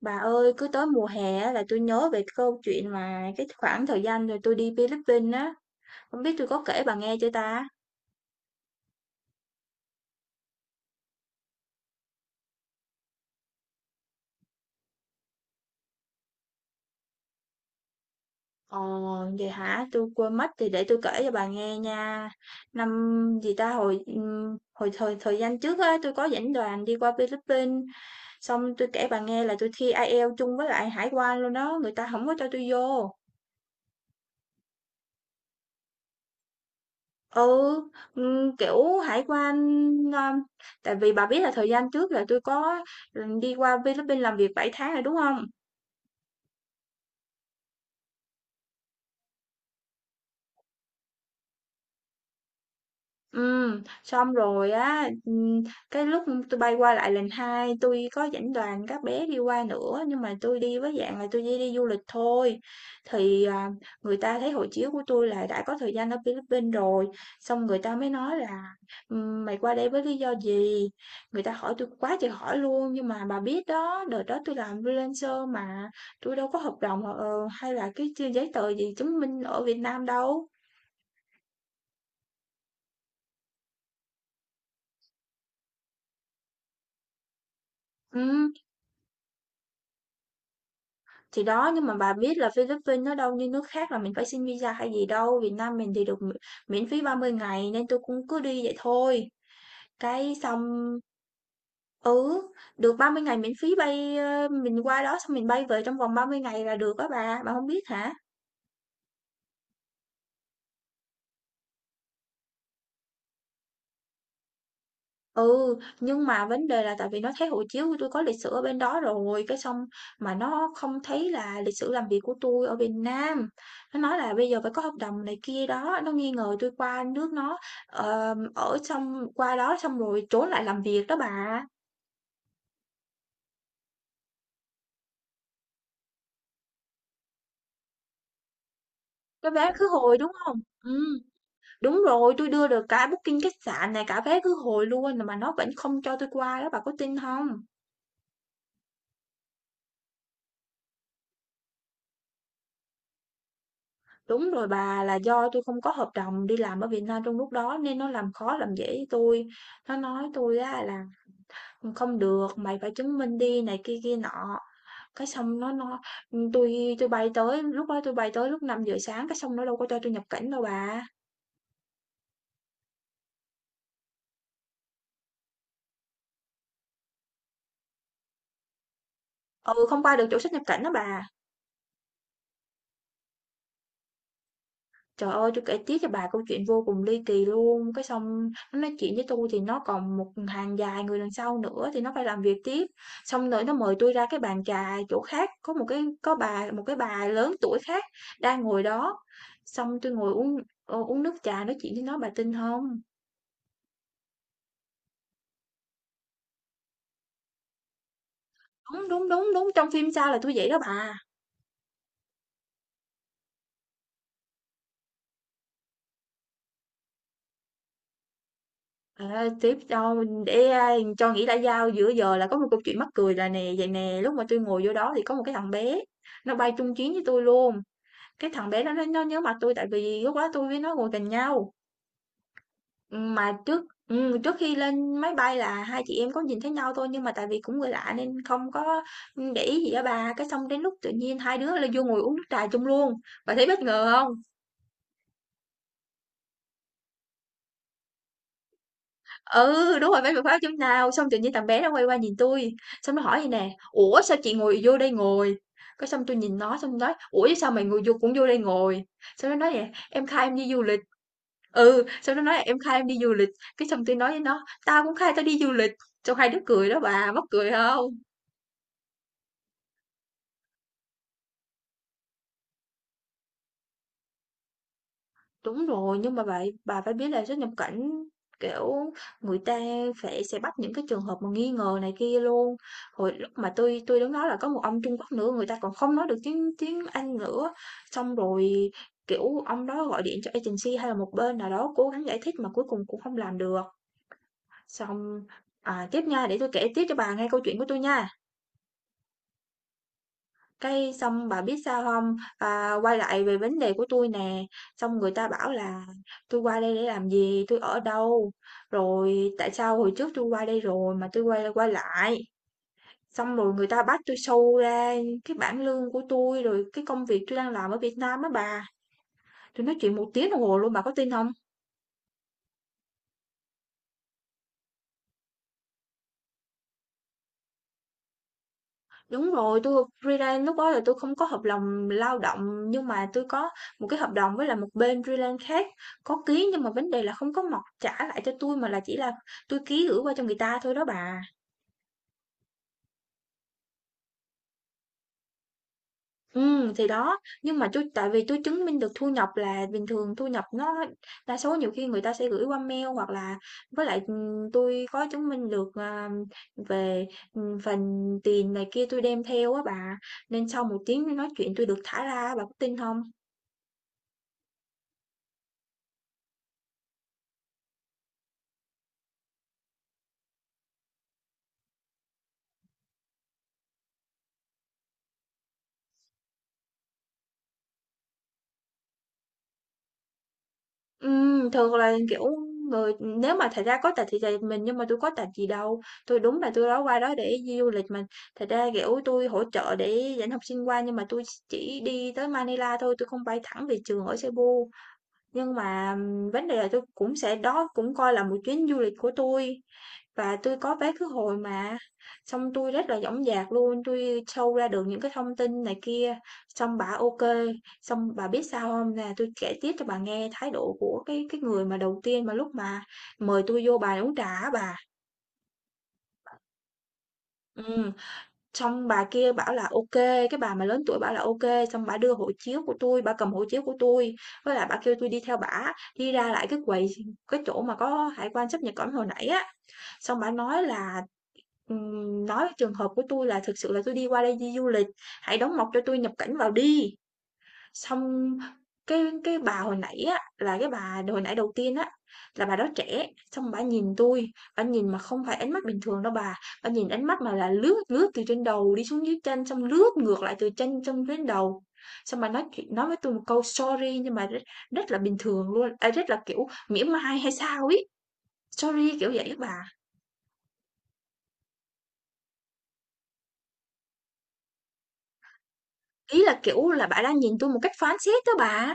Bà ơi, cứ tới mùa hè á là tôi nhớ về câu chuyện mà cái khoảng thời gian rồi tôi đi Philippines á. Không biết tôi có kể bà nghe chưa ta? Ờ, vậy hả? Tôi quên mất thì để tôi kể cho bà nghe nha. Năm gì ta hồi hồi thời thời gian trước á, tôi có dẫn đoàn đi qua Philippines, xong tôi kể bà nghe là tôi thi IELTS chung với lại hải quan luôn đó, người ta không có cho tôi vô. Ừ, kiểu, hải quan, ơ tại vì bà biết là thời gian trước là tôi có, đi qua Philippines làm việc 7 tháng rồi, đúng không? Ừ, xong rồi á, cái lúc tôi bay qua lại lần 2, tôi có dẫn đoàn các bé đi qua nữa, nhưng mà tôi đi với dạng là tôi chỉ đi du lịch thôi. Thì, à, người ta thấy hộ chiếu của tôi là đã có thời gian ở Philippines rồi, xong người ta mới nói là mày qua đây với lý do gì?" Người ta hỏi tôi quá trời hỏi luôn, nhưng mà bà biết đó, đợt đó tôi làm freelancer mà, tôi đâu có hợp đồng, hay là cái giấy tờ gì chứng minh ở Việt Nam đâu. Ừ. Thì đó, nhưng mà bà biết là Philippines nó đâu như nước khác là mình phải xin visa hay gì đâu, Việt Nam mình thì được miễn phí 30 ngày nên tôi cũng cứ đi vậy thôi. Cái xong ừ, được 30 ngày miễn phí bay mình qua đó xong mình bay về trong vòng 30 ngày là được á bà không biết hả? Ừ, nhưng mà vấn đề là tại vì nó thấy hộ chiếu của tôi có lịch sử ở bên đó rồi, cái xong mà nó không thấy là lịch sử làm việc của tôi ở Việt Nam. Nó nói là bây giờ phải có hợp đồng này kia đó, nó nghi ngờ tôi qua nước nó ở xong qua đó xong rồi trốn lại làm việc đó bà. Cái vé khứ hồi đúng không? Ừ, đúng rồi, tôi đưa được cả booking khách sạn này, cả vé khứ hồi luôn mà nó vẫn không cho tôi qua đó, bà có tin không? Đúng rồi bà, là do tôi không có hợp đồng đi làm ở Việt Nam trong lúc đó nên nó làm khó làm dễ với tui. Nó nói tôi á là không được, mày phải chứng minh đi này kia kia nọ. Cái xong nó tôi bay tới lúc đó tôi bay tới lúc 5 giờ sáng cái xong nó đâu có cho tôi nhập cảnh đâu bà. Ừ không qua được chỗ xuất nhập cảnh đó bà. Trời ơi, tôi kể tiếp cho bà câu chuyện vô cùng ly kỳ luôn, cái xong nó nói chuyện với tôi thì nó còn một hàng dài người đằng sau nữa thì nó phải làm việc tiếp. Xong rồi nó mời tôi ra cái bàn trà chỗ khác, có một cái có bà một cái bà lớn tuổi khác đang ngồi đó. Xong tôi ngồi uống uống nước trà nói chuyện với nó bà tin không? Đúng đúng đúng đúng trong phim sao là tôi vậy đó bà. À, tiếp cho để cho nghĩ đã giao giữa giờ là có một câu chuyện mắc cười là nè vậy nè lúc mà tôi ngồi vô đó thì có một cái thằng bé nó bay chung chuyến với tôi luôn. Cái thằng bé đó nó nhớ mặt tôi tại vì lúc đó tôi với nó ngồi gần nhau. Mà trước trước khi lên máy bay là hai chị em có nhìn thấy nhau thôi nhưng mà tại vì cũng người lạ nên không có để ý gì á bà. Cái xong đến lúc tự nhiên hai đứa là vô ngồi uống nước trà chung luôn. Bà thấy bất ngờ không? Ừ, đúng rồi, bán được khóa chấm nào, xong tự nhiên thằng bé nó quay qua nhìn tôi xong nó hỏi vậy nè: "Ủa sao chị ngồi vô đây ngồi?" Cái xong tôi nhìn nó xong nói: "Ủa chứ sao mày ngồi vô cũng vô đây ngồi?" Xong nó nói nè: "Em khai em đi du lịch." Ừ, xong nó nói là "Em khai em đi du lịch." Cái xong tôi nói với nó: "Tao cũng khai tao đi du lịch." Xong hai đứa cười đó bà, mắc cười không? Đúng rồi, nhưng mà bà phải biết là xuất nhập cảnh, kiểu, người ta phải sẽ bắt những cái trường hợp mà nghi ngờ này kia luôn. Hồi lúc mà tôi đứng đó là có một ông Trung Quốc nữa, người ta còn không nói được tiếng tiếng Anh nữa. Xong rồi kiểu ông đó gọi điện cho agency hay là một bên nào đó cố gắng giải thích mà cuối cùng cũng không làm được. Xong tiếp nha, để tôi kể tiếp cho bà nghe câu chuyện của tôi nha. Cái xong bà biết sao không? À, quay lại về vấn đề của tôi nè, xong người ta bảo là tôi qua đây để làm gì? Tôi ở đâu? Rồi tại sao hồi trước tôi qua đây rồi mà tôi quay quay lại?" Xong rồi người ta bắt tôi show ra cái bảng lương của tôi rồi cái công việc tôi đang làm ở Việt Nam á bà. Tôi nói chuyện một tiếng đồng hồ luôn, bà có tin không? Đúng rồi, tôi freelance lúc đó là tôi không có hợp đồng lao động nhưng mà tôi có một cái hợp đồng với là một bên freelance khác có ký nhưng mà vấn đề là không có mọc trả lại cho tôi mà là chỉ là tôi ký gửi qua cho người ta thôi đó bà. Ừ thì đó, nhưng mà tôi tại vì tôi chứng minh được thu nhập là bình thường thu nhập nó đa số nhiều khi người ta sẽ gửi qua mail hoặc là với lại tôi có chứng minh được về phần tiền này kia tôi đem theo á bà nên sau một tiếng nói chuyện tôi được thả ra á, bà có tin không? Thường là, kiểu, người nếu mà thật ra có tật thì tùy mình, nhưng mà tôi có tật gì đâu, tôi đúng là tôi đó qua đó để đi du lịch mà. Thật ra, kiểu, tôi hỗ trợ để dẫn học sinh qua nhưng mà tôi chỉ đi tới Manila thôi, tôi không bay thẳng về trường ở Cebu. Nhưng mà, vấn đề là tôi cũng sẽ đó cũng coi là một chuyến du lịch của tôi và tôi có vé khứ hồi mà, xong tôi rất là dõng dạc luôn, tôi show ra được những cái thông tin này kia, xong bà ok. Xong bà biết sao không? Là tôi kể tiếp cho bà nghe thái độ của cái người mà đầu tiên mà lúc mà mời tôi vô bà uống trà á bà. Ừm, Xong bà kia bảo là ok, cái bà mà lớn tuổi bảo là ok, xong bà đưa hộ chiếu của tôi bà cầm hộ chiếu của tôi với lại bà kêu tôi đi theo bà đi ra lại cái quầy cái chỗ mà có hải quan sáp nhập cảnh hồi nãy á. Xong bà nói là, nói trường hợp của tôi là thực sự là tôi đi qua đây đi du lịch, hãy đóng mộc cho tôi nhập cảnh vào đi. Xong cái bà hồi nãy á, là cái bà hồi nãy đầu tiên á, là bà đó trẻ, xong bà nhìn tôi bà nhìn mà không phải ánh mắt bình thường đâu bà nhìn ánh mắt mà là lướt lướt từ trên đầu đi xuống dưới chân, xong lướt ngược lại từ chân xong đến đầu. Xong bà nói chuyện nói với tôi một câu "Sorry" nhưng mà rất rất là bình thường luôn, à, rất là, kiểu, mỉa mai hay sao ấy, "Sorry" kiểu vậy á bà. Ý là, kiểu là, bà đang nhìn tôi một cách phán xét đó bà.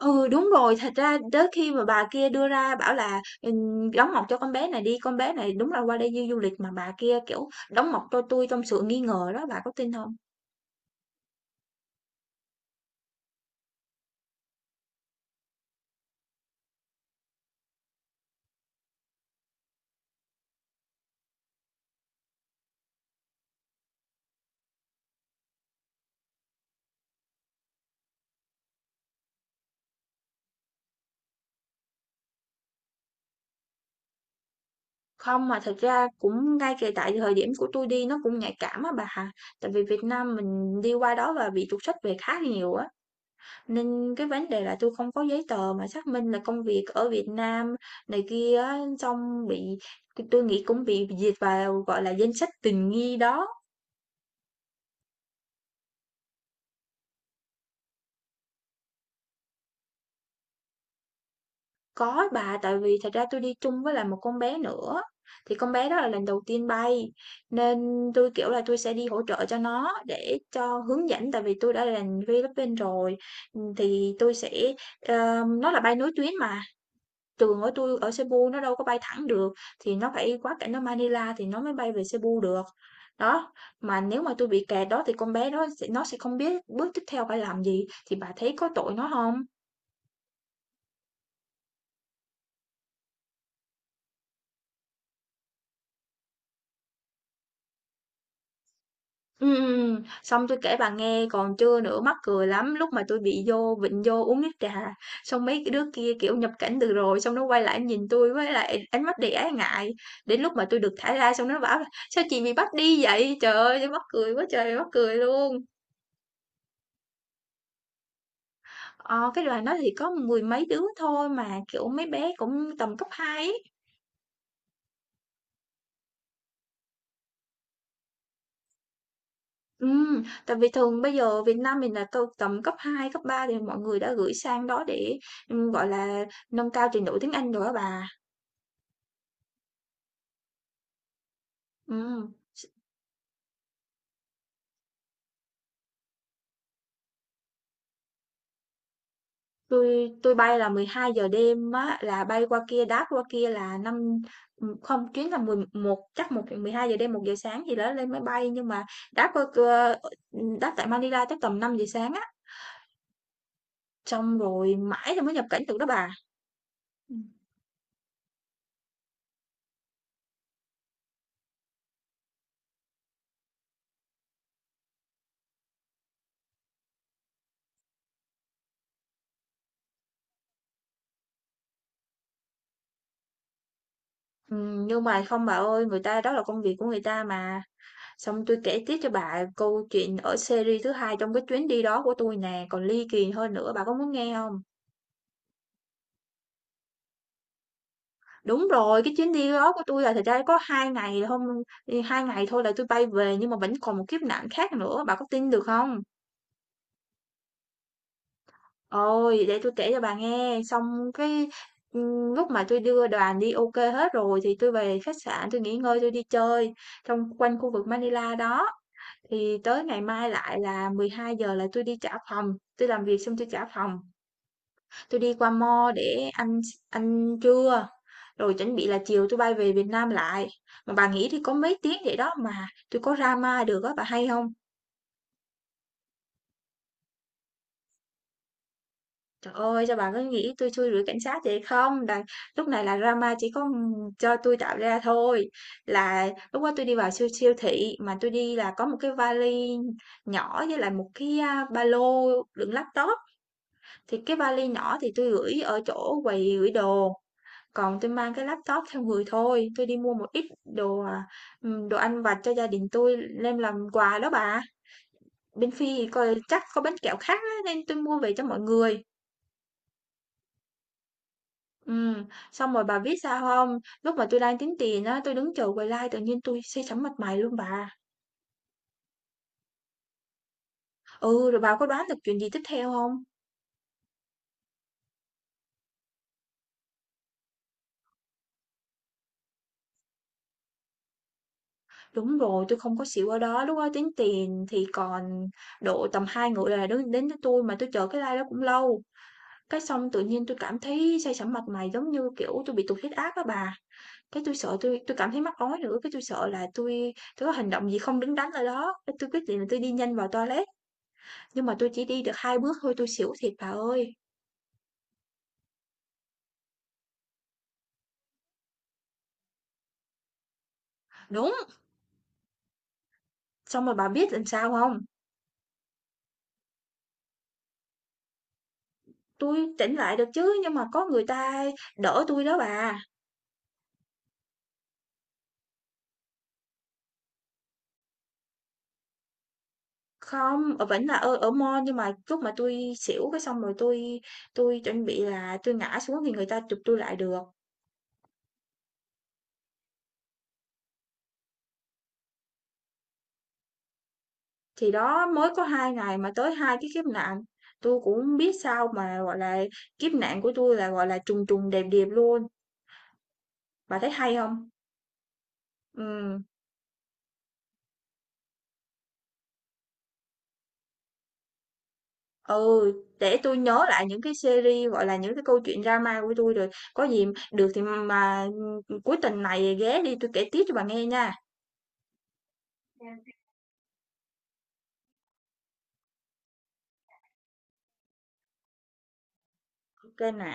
Ừ, đúng rồi, thật ra tới khi mà bà kia đưa ra bảo là, "Đóng mộc cho con bé này đi, con bé này đúng là qua đây du du lịch" mà bà kia, kiểu, "Đóng mộc cho tôi trong sự nghi ngờ đó, bà có tin không? Không, mà thật ra cũng ngay kể tại thời điểm của tôi đi nó cũng nhạy cảm á bà. Tại vì Việt Nam mình đi qua đó và bị trục xuất về khá nhiều á. Nên cái vấn đề là tôi không có giấy tờ mà xác minh là công việc ở Việt Nam này kia á, xong tôi nghĩ cũng bị liệt vào, gọi là, danh sách tình nghi đó. Có bà, tại vì thật ra tôi đi chung với lại một con bé nữa, thì con bé đó là lần đầu tiên bay, nên tôi kiểu là, tôi sẽ đi hỗ trợ cho nó để cho hướng dẫn, tại vì tôi đã là Philippines rồi, thì tôi sẽ, ờ, nó là bay nối tuyến mà. Trường tôi ở Cebu nó đâu có bay thẳng được, thì nó phải quá cảnh ở Manila thì nó mới bay về Cebu được. Đó, mà nếu mà tôi bị kẹt đó thì con bé đó nó sẽ không biết bước tiếp theo phải làm gì, thì bà thấy có tội nó không? Xong tôi kể bà nghe còn chưa nữa, mắc cười lắm, lúc mà tôi bị vô vịnh vô uống nước trà, xong mấy cái đứa kia, kiểu, nhập cảnh từ rồi, xong nó quay lại nhìn tôi với lại ánh mắt đầy ái ngại, đến lúc mà tôi được thả ra xong nó bảo là "Sao chị bị bắt đi vậy?" Trời ơi, tui mắc cười quá trời mắc cười luôn! Ờ, cái đoàn đó thì có mười mấy đứa thôi mà, kiểu, mấy bé cũng tầm cấp 2, ấy. Tại vì thường bây giờ Việt Nam mình là tầm cấp 2 cấp 3 thì mọi người đã gửi sang đó để, gọi là, nâng cao trình độ tiếng Anh rồi á bà. Ừm, tui bay là 12 giờ đêm á, là bay qua kia, đáp qua kia là năm không, chuyến là 11 chắc một 12 giờ đêm, 1 giờ sáng gì đó lên máy bay, nhưng mà đáp qua đáp tại Manila chắc tầm 5 giờ sáng á, xong rồi mãi rồi mới nhập cảnh được đó bà. Nhưng mà không bà ơi, người ta đó là công việc của người ta mà. Xong tôi kể tiếp cho bà câu chuyện ở series thứ hai trong cái chuyến đi đó của tôi nè, còn ly kỳ hơn nữa, bà có muốn nghe không? Đúng rồi, cái chuyến đi đó của tôi là thật ra có 2 ngày không, 2 ngày thôi là tôi bay về nhưng mà vẫn còn một kiếp nạn khác nữa, bà có tin được không? Ôi, để tôi kể cho bà nghe. Xong cái lúc mà tôi đưa đoàn đi ok hết rồi thì tôi về khách sạn, tôi nghỉ ngơi, tôi đi chơi trong quanh khu vực Manila đó. Thì tới ngày mai lại là 12 giờ là tôi đi trả phòng, tôi làm việc xong tôi trả phòng, tôi đi qua mall để ăn ăn trưa, rồi chuẩn bị là chiều tôi bay về Việt Nam lại. Mà bà nghĩ thì có mấy tiếng vậy đó mà tôi có ra được á, bà hay không? Trời ơi, cho bà cứ nghĩ tôi xui rủi cảnh sát vậy không? Là lúc này là drama chỉ có, cho tôi tạo ra thôi. Là lúc đó tôi đi vào siêu siêu thị mà tôi đi là có một cái vali nhỏ với lại một cái, ba lô đựng laptop. Thì cái vali nhỏ thì tôi gửi ở chỗ quầy gửi đồ, còn tôi mang cái laptop theo người thôi, tôi đi mua một ít đồ ăn vặt cho gia đình tôi đem làm quà đó bà. Bên Phi thì coi chắc có bánh kẹo khác á, nên tôi mua về cho mọi người. Ừ, xong rồi bà biết sao không? Lúc mà tôi đang tính tiền á, tôi đứng chờ quầy like tự nhiên tôi say sẩm mặt mày luôn bà. Ừ, rồi bà có đoán được chuyện gì tiếp theo không? Đúng rồi, tôi không có xỉu ở đó, lúc đó tính tiền thì còn độ tầm hai người là đứng đến với tôi mà tôi chờ cái like đó cũng lâu. Cái xong tự nhiên tôi cảm thấy say sẩm mặt mày giống như, kiểu, tôi bị tụt huyết áp á bà. Cái tôi sợ tôi cảm thấy mắc ói nữa, cái tôi sợ là tôi có hành động gì không đứng đắn ở đó, cái tôi quyết định là tôi đi nhanh vào toilet, nhưng mà tôi chỉ đi được 2 bước thôi tôi xỉu thiệt bà ơi. Đúng, xong rồi bà biết làm sao không? Tôi tỉnh lại được chứ, nhưng mà có người ta đỡ tôi đó bà. Không, vẫn là ở ở mall nhưng mà lúc mà tôi xỉu cái xong rồi tôi chuẩn bị là tôi ngã xuống thì người ta chụp tôi lại được. Thì đó, mới có 2 ngày mà tới 2 cái kiếp nạn, tôi cũng hông biết sao mà, gọi là, kiếp nạn của tôi là, gọi là, trùng trùng đẹp đẹp luôn. Bà thấy hay không? Ừm, ừ, để tôi nhớ lại những cái series, gọi là, những cái câu chuyện drama của tôi rồi có gì được thì mà, cuối tuần này ghé đi tôi kể tiếp cho bà nghe nha. Ok nè.